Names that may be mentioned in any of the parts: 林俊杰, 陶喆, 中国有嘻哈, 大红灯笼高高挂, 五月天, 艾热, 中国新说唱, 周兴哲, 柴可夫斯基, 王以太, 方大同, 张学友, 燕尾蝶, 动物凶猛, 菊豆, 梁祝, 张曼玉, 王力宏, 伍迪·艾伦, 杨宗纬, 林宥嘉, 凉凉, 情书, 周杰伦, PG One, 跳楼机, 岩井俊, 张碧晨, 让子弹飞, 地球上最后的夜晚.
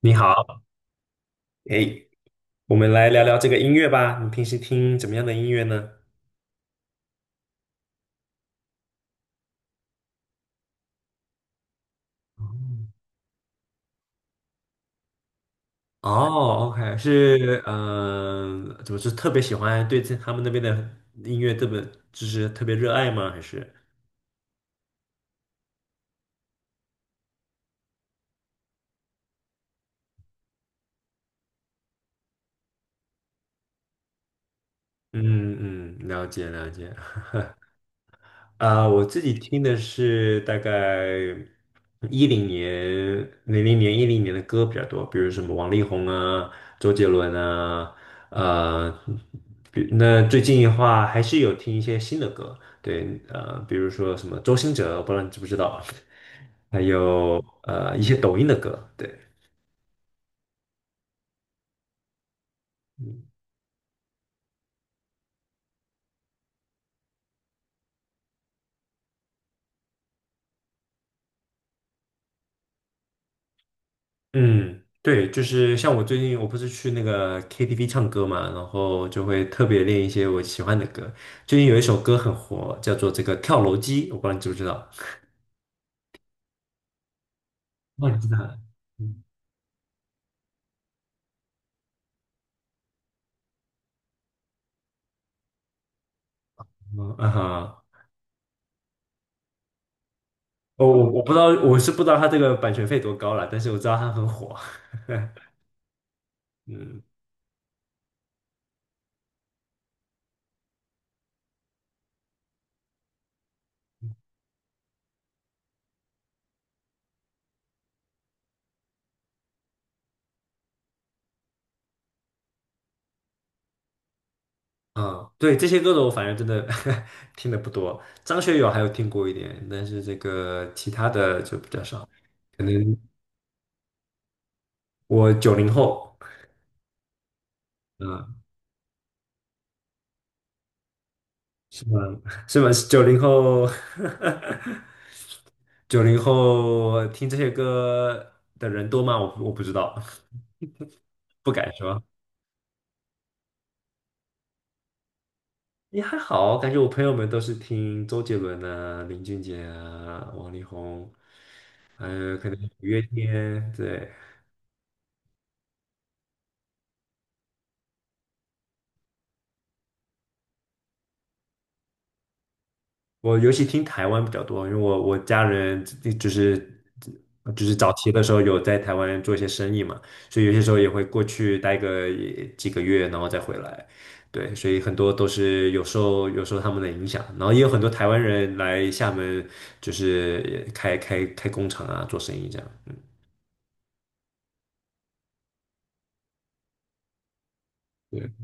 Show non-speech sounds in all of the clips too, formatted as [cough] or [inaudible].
你好。哎，我们来聊聊这个音乐吧。你平时听怎么样的音乐呢？哦，OK，是，怎么是特别喜欢对这他们那边的音乐特别，就是特别热爱吗？还是，嗯嗯，了解了解。啊，我自己听的是大概一零年、零零年、一零年的歌比较多，比如什么王力宏啊、周杰伦啊，呃，比那最近的话还是有听一些新的歌。对，比如说什么周兴哲，我不知道你知不知道，还有一些抖音的歌。对。嗯，对，就是像我最近我不是去那个 KTV 唱歌嘛，然后就会特别练一些我喜欢的歌。最近有一首歌很火，叫做这个《跳楼机》，我不知道你知不知道？哦，你知道？嗯嗯啊哈，我不知道，我是不知道他这个版权费多高了，但是我知道他很火。嗯啊，对，这些歌手我反正真的 [laughs] 听的不多，张学友还有听过一点，但是这个其他的就比较少。可能我九零后。啊，是吗？是吗？九零后，[laughs] 九零后听这些歌的人多吗？我不知道，[laughs] 不敢说。也还好，感觉我朋友们都是听周杰伦啊、林俊杰啊、王力宏，还有可能五月天，对。我尤其听台湾比较多，因为我家人就是早期的时候有在台湾做一些生意嘛，所以有些时候也会过去待个几个月，然后再回来。对，所以很多都是有受他们的影响，然后也有很多台湾人来厦门，就是开工厂啊，做生意这样。嗯，对。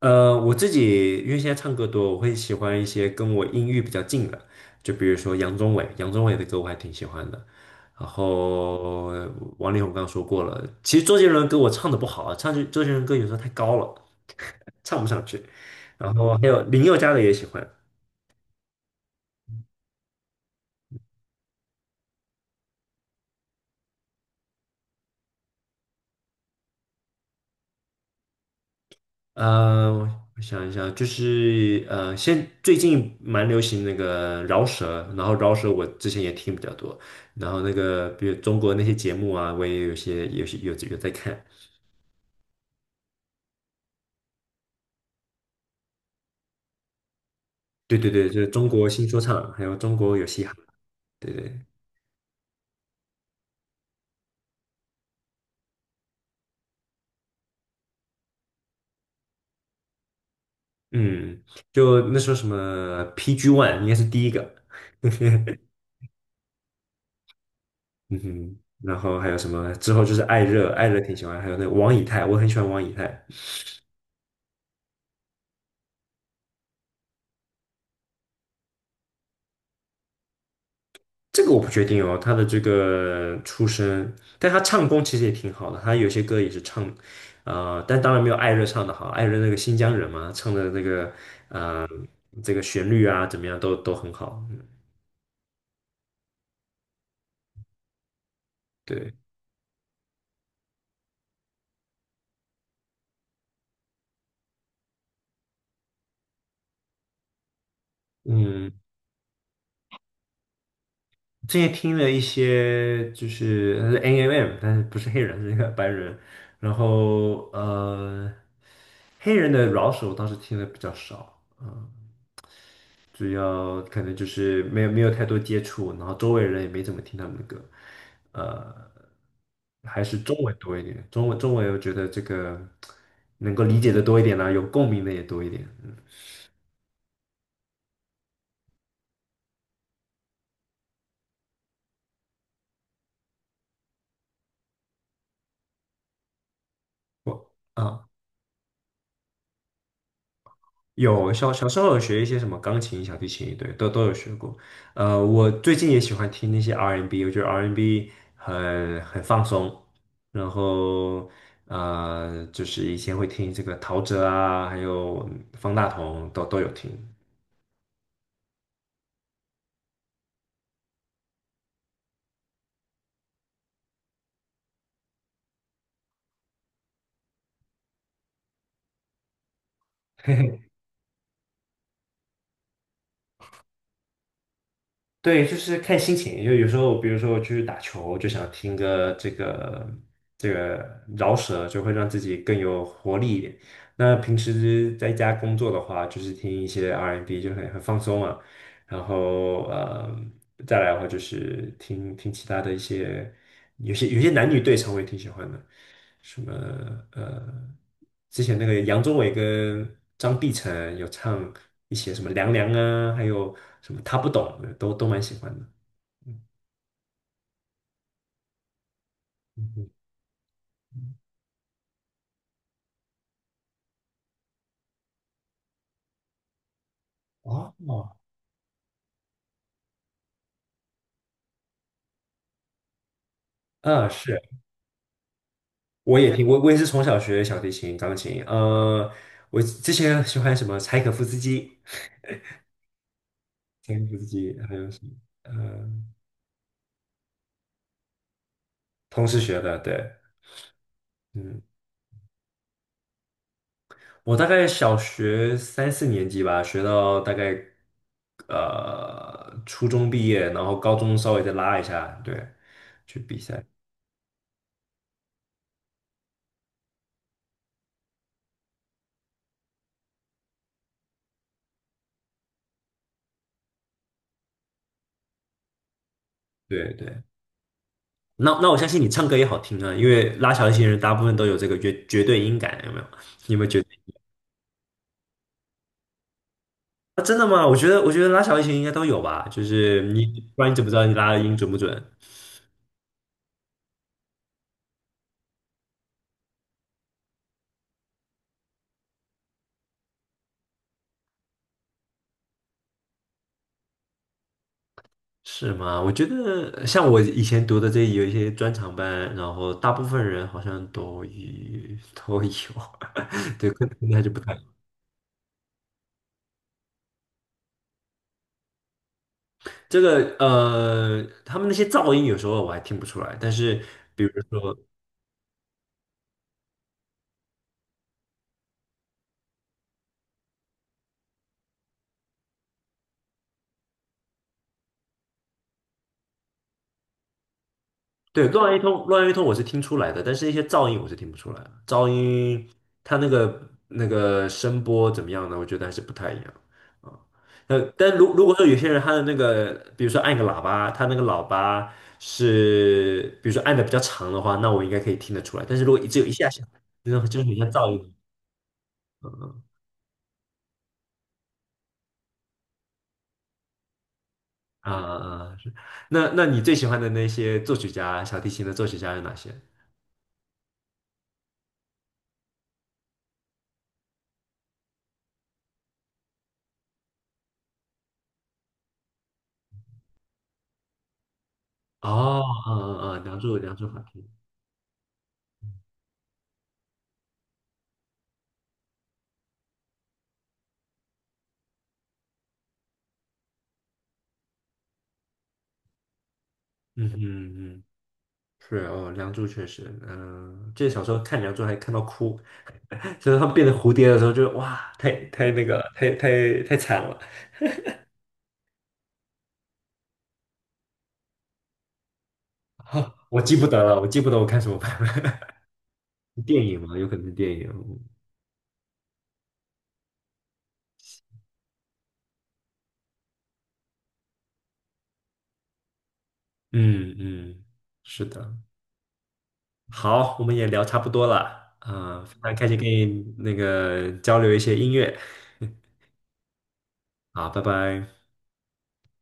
我自己因为现在唱歌多，我会喜欢一些跟我音域比较近的，就比如说杨宗纬，杨宗纬的歌我还挺喜欢的。然后王力宏刚刚说过了。其实周杰伦歌我唱的不好啊，唱周杰伦歌有时候太高了，[laughs] 唱不上去。然后还有林宥嘉的也喜欢。呃，我想一想，就是最近蛮流行那个饶舌，然后饶舌我之前也听比较多，然后那个比如中国那些节目啊，我也有些有些有有在看。对对对，就是中国新说唱，还有中国有嘻哈。对对，嗯，就那时候什么 PG One 应该是第一个。嗯哼，然后还有什么之后就是艾热，艾热挺喜欢，还有那个王以太，我很喜欢王以太。这个我不确定哦，他的这个出身，但他唱功其实也挺好的，他有些歌也是唱，但当然没有艾热唱的好。艾热那个新疆人嘛，唱的那个呃这个旋律啊怎么样都很好。嗯对，嗯，之前听了一些就是 NMM，但是不是黑人，是一个白人，然后黑人的饶舌我倒是听的比较少。嗯主要可能就是没有太多接触，然后周围人也没怎么听他们的歌。呃，还是中文多一点，中文我觉得这个能够理解的多一点啦、有共鸣的也多一点。嗯，我啊。有小时候有学一些什么钢琴、小提琴，对，都有学过。我最近也喜欢听那些 R&B，我觉得 R&B 很放松。然后就是以前会听这个陶喆啊，还有方大同都有听。对，就是看心情。因为有时候，比如说我去打球，就想听个这个饶舌，就会让自己更有活力一点。那平时在家工作的话，就是听一些 R&B，and B，就很放松啊。然后再来的话就是听听其他的一些。有些男女对唱我也挺喜欢的，什么呃，之前那个杨宗纬跟张碧晨有唱一些什么《凉凉》啊，还有什么他不懂，都蛮喜欢的。嗯嗯嗯哦，啊，是，我也听，我也是从小学小提琴、钢琴。我之前喜欢什么柴可夫斯基，柴可夫斯基还有什么，同时学的，对，嗯。我大概小学三四年级吧，学到大概初中毕业，然后高中稍微再拉一下，对，去比赛，对对。那我相信你唱歌也好听啊，因为拉小提琴人大部分都有这个绝对音感，有没有？你有没有觉得？啊，真的吗？我觉得拉小提琴应该都有吧，就是你不然你怎么知道你拉的音准不准？是吗？我觉得像我以前读的这有一些专场班，然后大部分人好像都有 [laughs] 都有，[laughs] 对，可能还是不太。这个他们那些噪音有时候我还听不出来，但是比如说对，乱一通，乱一通我是听出来的，但是一些噪音我是听不出来的。噪音它那个声波怎么样呢？我觉得还是不太一样啊。但如果说有些人他的那个，比如说按个喇叭，他那个喇叭是比如说按的比较长的话，那我应该可以听得出来。但是如果只有一下下，那种就是很像噪音。嗯嗯啊啊，啊，是。那你最喜欢的那些作曲家，小提琴的作曲家有哪些？哦，嗯嗯嗯，梁祝，梁祝好听。嗯嗯嗯。是哦，梁祝确实。嗯、记得小时候看梁祝还看到哭，就是他们变成蝴蝶的时候就，哇，太那个了，太惨了。我记不得了，我记不得我看什么版本。[laughs] 电影嘛，有可能是电影。嗯嗯，是的。好，我们也聊差不多了，啊、非常开心跟你那个交流一些音乐。好，拜拜。